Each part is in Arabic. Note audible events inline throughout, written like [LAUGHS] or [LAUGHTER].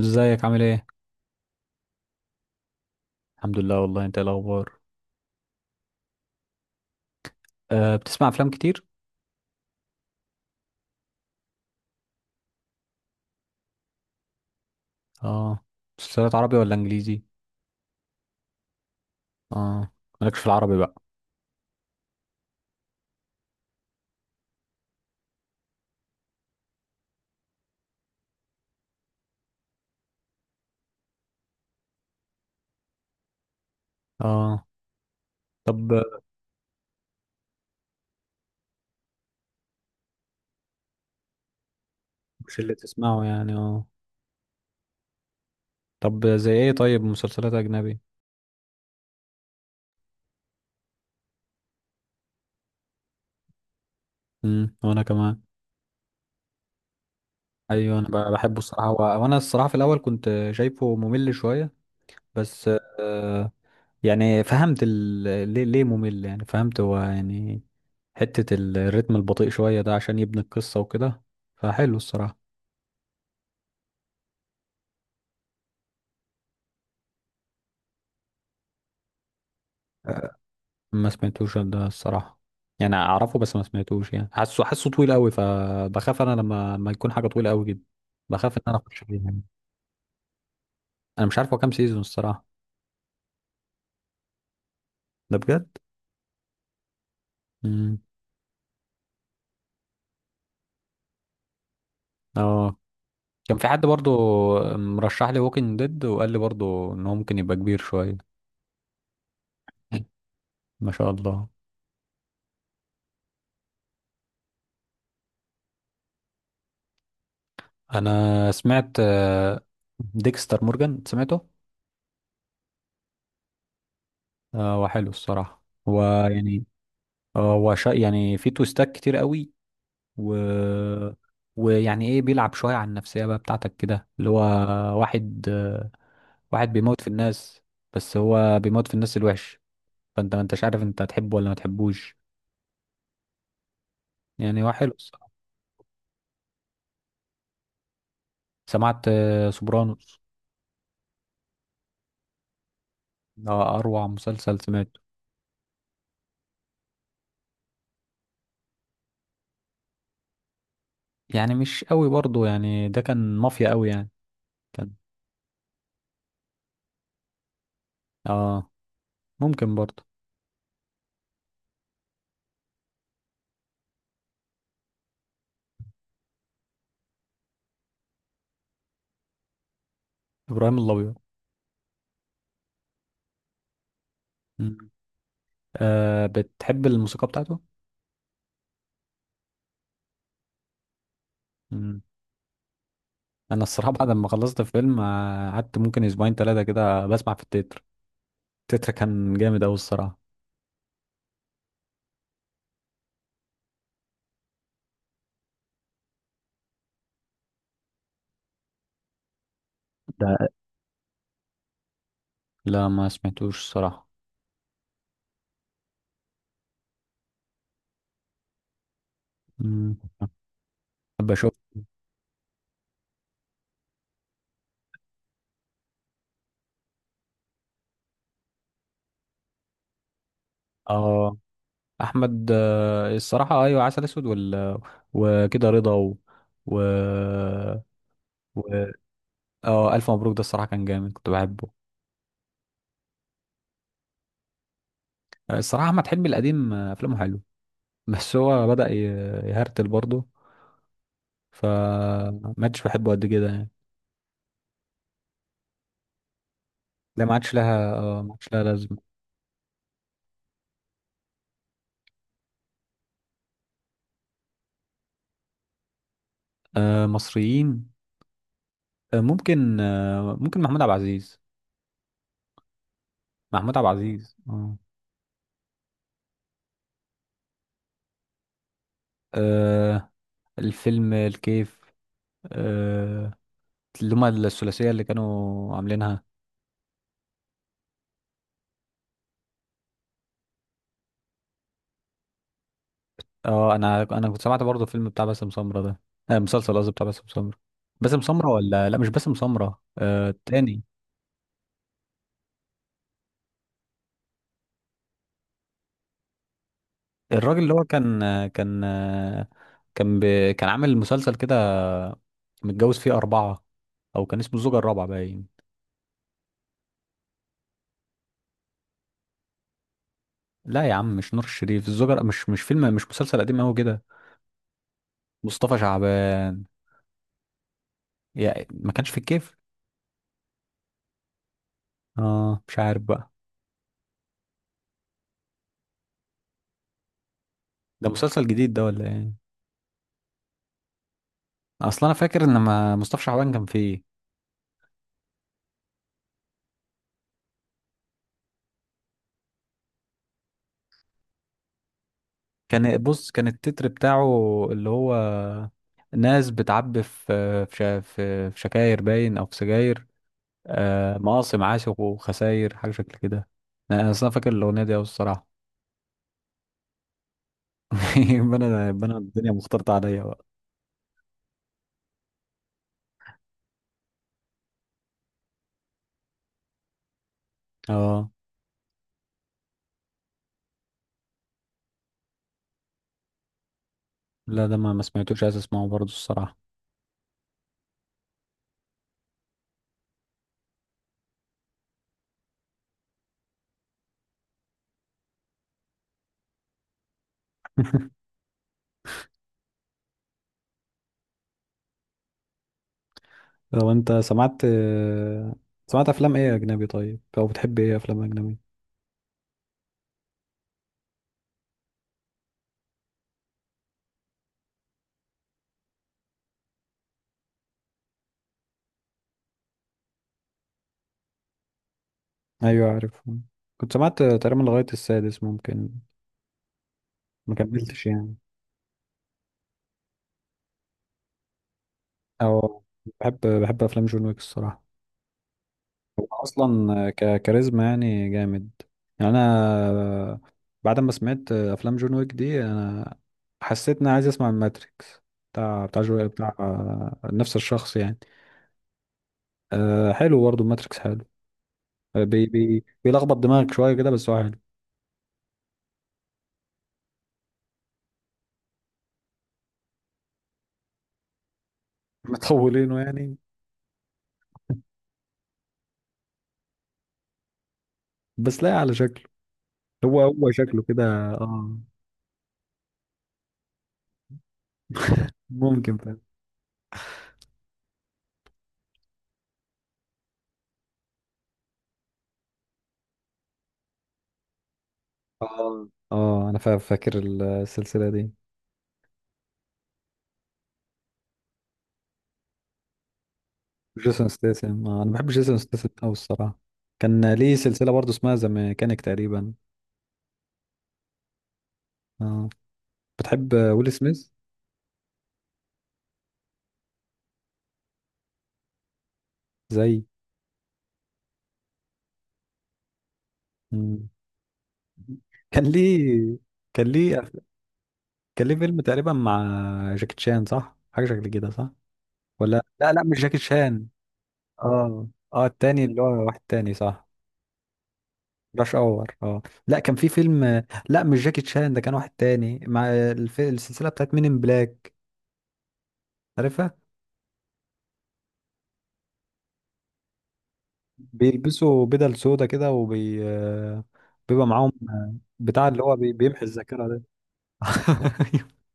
ازيك عامل ايه؟ الحمد لله والله، انت ايه الاخبار؟ بتسمع افلام كتير؟ اه. مسلسلات عربي ولا انجليزي؟ اه. مالكش في العربي بقى؟ اه. طب، مش اللي تسمعه يعني اه. طب، زي ايه؟ طيب، مسلسلات اجنبي؟ وانا كمان. ايوه، انا بحبه الصراحه، وانا الصراحه في الاول كنت شايفه ممل شويه بس. أه يعني فهمت ليه ممل، يعني فهمت هو يعني. حته الريتم البطيء شويه ده عشان يبني القصه وكده. فحلو الصراحه. ما سمعتوش ده الصراحة. يعني اعرفه بس ما سمعتوش، يعني حاسه طويل قوي، فبخاف انا لما يكون حاجة طويلة قوي جدا. بخاف ان انا اخش فيها يعني. انا مش عارف هو كام سيزون الصراحة. ده بجد؟ امم. اه. كان في حد برضو مرشح لي ووكينج ديد، وقال لي برضو ان هو ممكن يبقى كبير شوية. ما شاء الله. انا سمعت ديكستر مورجان، سمعته. هو حلو الصراحة. هو يعني، هو يعني في تويستات كتير قوي. و... ويعني ايه، بيلعب شوية على النفسية بقى بتاعتك كده، اللي هو واحد واحد بيموت في الناس. بس هو بيموت في الناس الوحش، فانت ما انتش عارف، انت هتحبه ولا ما تحبوش. يعني هو حلو الصراحة. سمعت سوبرانوس. ده اروع مسلسل سمعته. يعني مش قوي برضه، يعني ده كان مافيا قوي يعني. كان اه ممكن برضه. ابراهيم الابيض. مم. بتحب الموسيقى بتاعته؟ مم. انا الصراحه بعد ما خلصت فيلم، قعدت ممكن اسبوعين ثلاثه كده بسمع في التتر. تتر كان جامد أوي الصراحة. ده. لا، ما سمعتوش الصراحة. مم. أحب أشوف. آه أحمد الصراحة، أيوة، عسل أسود وكده رضا و... و... و... آه ألف مبروك ده الصراحة كان جامد، كنت بحبه. الصراحة أحمد حلمي القديم أفلامه حلو. بس هو بدأ يهرتل برضه، فما عادش بحبه قد كده يعني. لا، ما عادش لها، ما عادش لها لازمة. مصريين. ممكن محمود عبد العزيز. محمود عبد العزيز. اه. آه الفيلم الكيف. آه اللي هما الثلاثية اللي كانوا عاملينها. اه، انا كنت سمعت برضه فيلم بتاع باسم سمرة ده. مسلسل قصدي، بتاع باسم سمرة. باسم سمرة ولا، لا، مش باسم سمرة، التاني. الراجل اللي هو كان كان ب... كان عامل مسلسل كده، متجوز فيه أربعة، أو كان اسمه الزوجة الرابعة باين. لا يا عم، مش نور الشريف، الزوجة، مش فيلم، مش مسلسل قديم أوي كده. مصطفى شعبان. يا، ما كانش في الكيف. اه، مش عارف بقى. ده مسلسل جديد ده ولا ايه؟ اصل انا فاكر ان ما مصطفى شعبان كان فيه. كان التتر بتاعه، اللي هو ناس بتعبي في شكاير باين، او في سجاير. مقاصم عاشق وخساير، حاجه شكل كده. انا اصلا فاكر الاغنيه دي أوي الصراحه. [LAUGHS] يبقى انا الدنيا مختلطه عليا بقى. اه. لا، ده ما سمعتوش، عايز اسمعه برضه الصراحه. [LAUGHS] لو انت سمعت افلام ايه اجنبي؟ طيب، او بتحب ايه افلام اجنبي؟ ايوه، عارف. كنت سمعت تقريبا لغاية السادس ممكن، ما كملتش يعني. او، بحب افلام جون ويك الصراحة. هو اصلا كاريزما يعني جامد. يعني انا بعد ما سمعت افلام جون ويك دي، انا حسيت اني عايز اسمع الماتريكس، بتاع جو بتاع نفس الشخص يعني. حلو برضه الماتريكس حلو، بي بي بيلخبط دماغك شوية كده، بس هو حلو. [LAUGHS] مطولينه يعني. بس لا، على شكله، هو شكله كده. اه، ممكن. اه، اه، انا فاكر السلسله دي. جيسون ستاثام، انا بحب جيسون ستاثام قوي الصراحه. كان ليه سلسله برضه اسمها ذا ميكانيك تقريبا. اه، بتحب ويل سميث؟ زي. مم. كان ليه كان ليه أف- كان ليه فيلم تقريبا مع جاكي تشان، صح؟ حاجه شكل كده، صح؟ ولا، لا، لا، مش جاكي تشان. اه، اه، التاني، اللي هو واحد تاني، صح؟ راش اور. اه. لا، كان في فيلم، لا مش جاكي تشان، ده كان واحد تاني، مع السلسله بتاعت مين، ان بلاك. عارفها؟ بيلبسوا بدل سودا كده، وبي آه، بيبقى معاهم بتاع اللي هو بيمحي الذاكرة ده. [LAUGHS]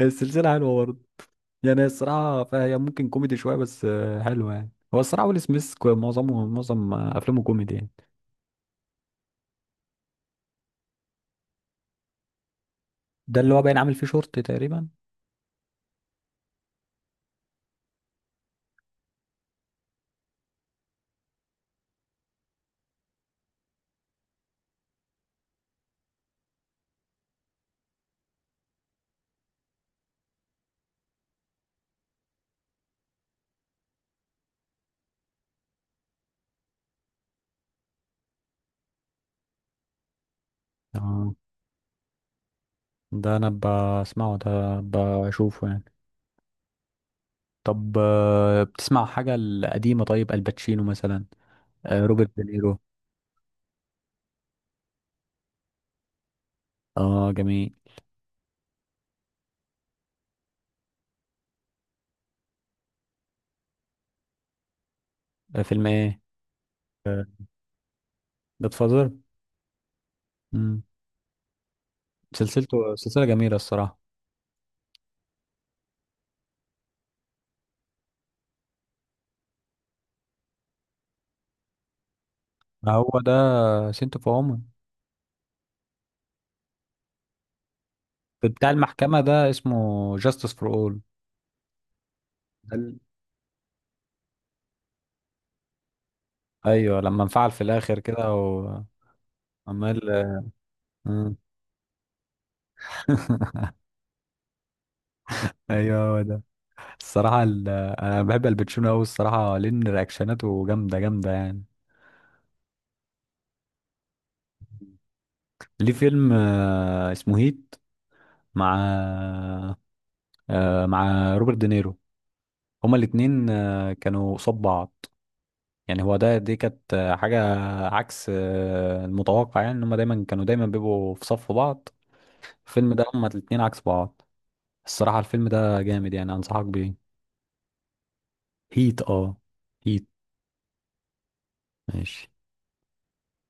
السلسلة حلوة برضه. يعني الصراحة، فهي ممكن كوميدي شوية، بس حلوة يعني، هو الصراحة ويل سميث معظم أفلامه كوميدي يعني. ده اللي هو باين عامل فيه شورت تقريبا. اه، ده أنا بسمعه ده، بشوفه يعني. طب، بتسمع حاجة القديمة؟ طيب، الباتشينو مثلا، روبرت دينيرو. اه، جميل. فيلم ايه؟ جاد فازر. سلسلته، سلسلة جميلة الصراحة. ما هو ده سنت اوف وومن. بتاع المحكمة ده اسمه جاستس فور اول. ايوه، لما انفعل في الاخر كده، وعمال. مم. [LAUGHS] ايوه، هو ده. الصراحة، انا بحب الباتشينو قوي الصراحة لان رياكشناته جامدة جامدة يعني. ليه فيلم اسمه هيت، مع، مع روبرت دينيرو. هما الاتنين كانوا قصاد بعض، يعني هو ده، دي كانت حاجة عكس المتوقع، يعني ان هما دايما كانوا دايما بيبقوا في صف بعض. الفيلم ده هما الاتنين عكس بعض. الصراحة، الفيلم ده جامد يعني، انصحك بيه. هيت. اه، هيت. ماشي.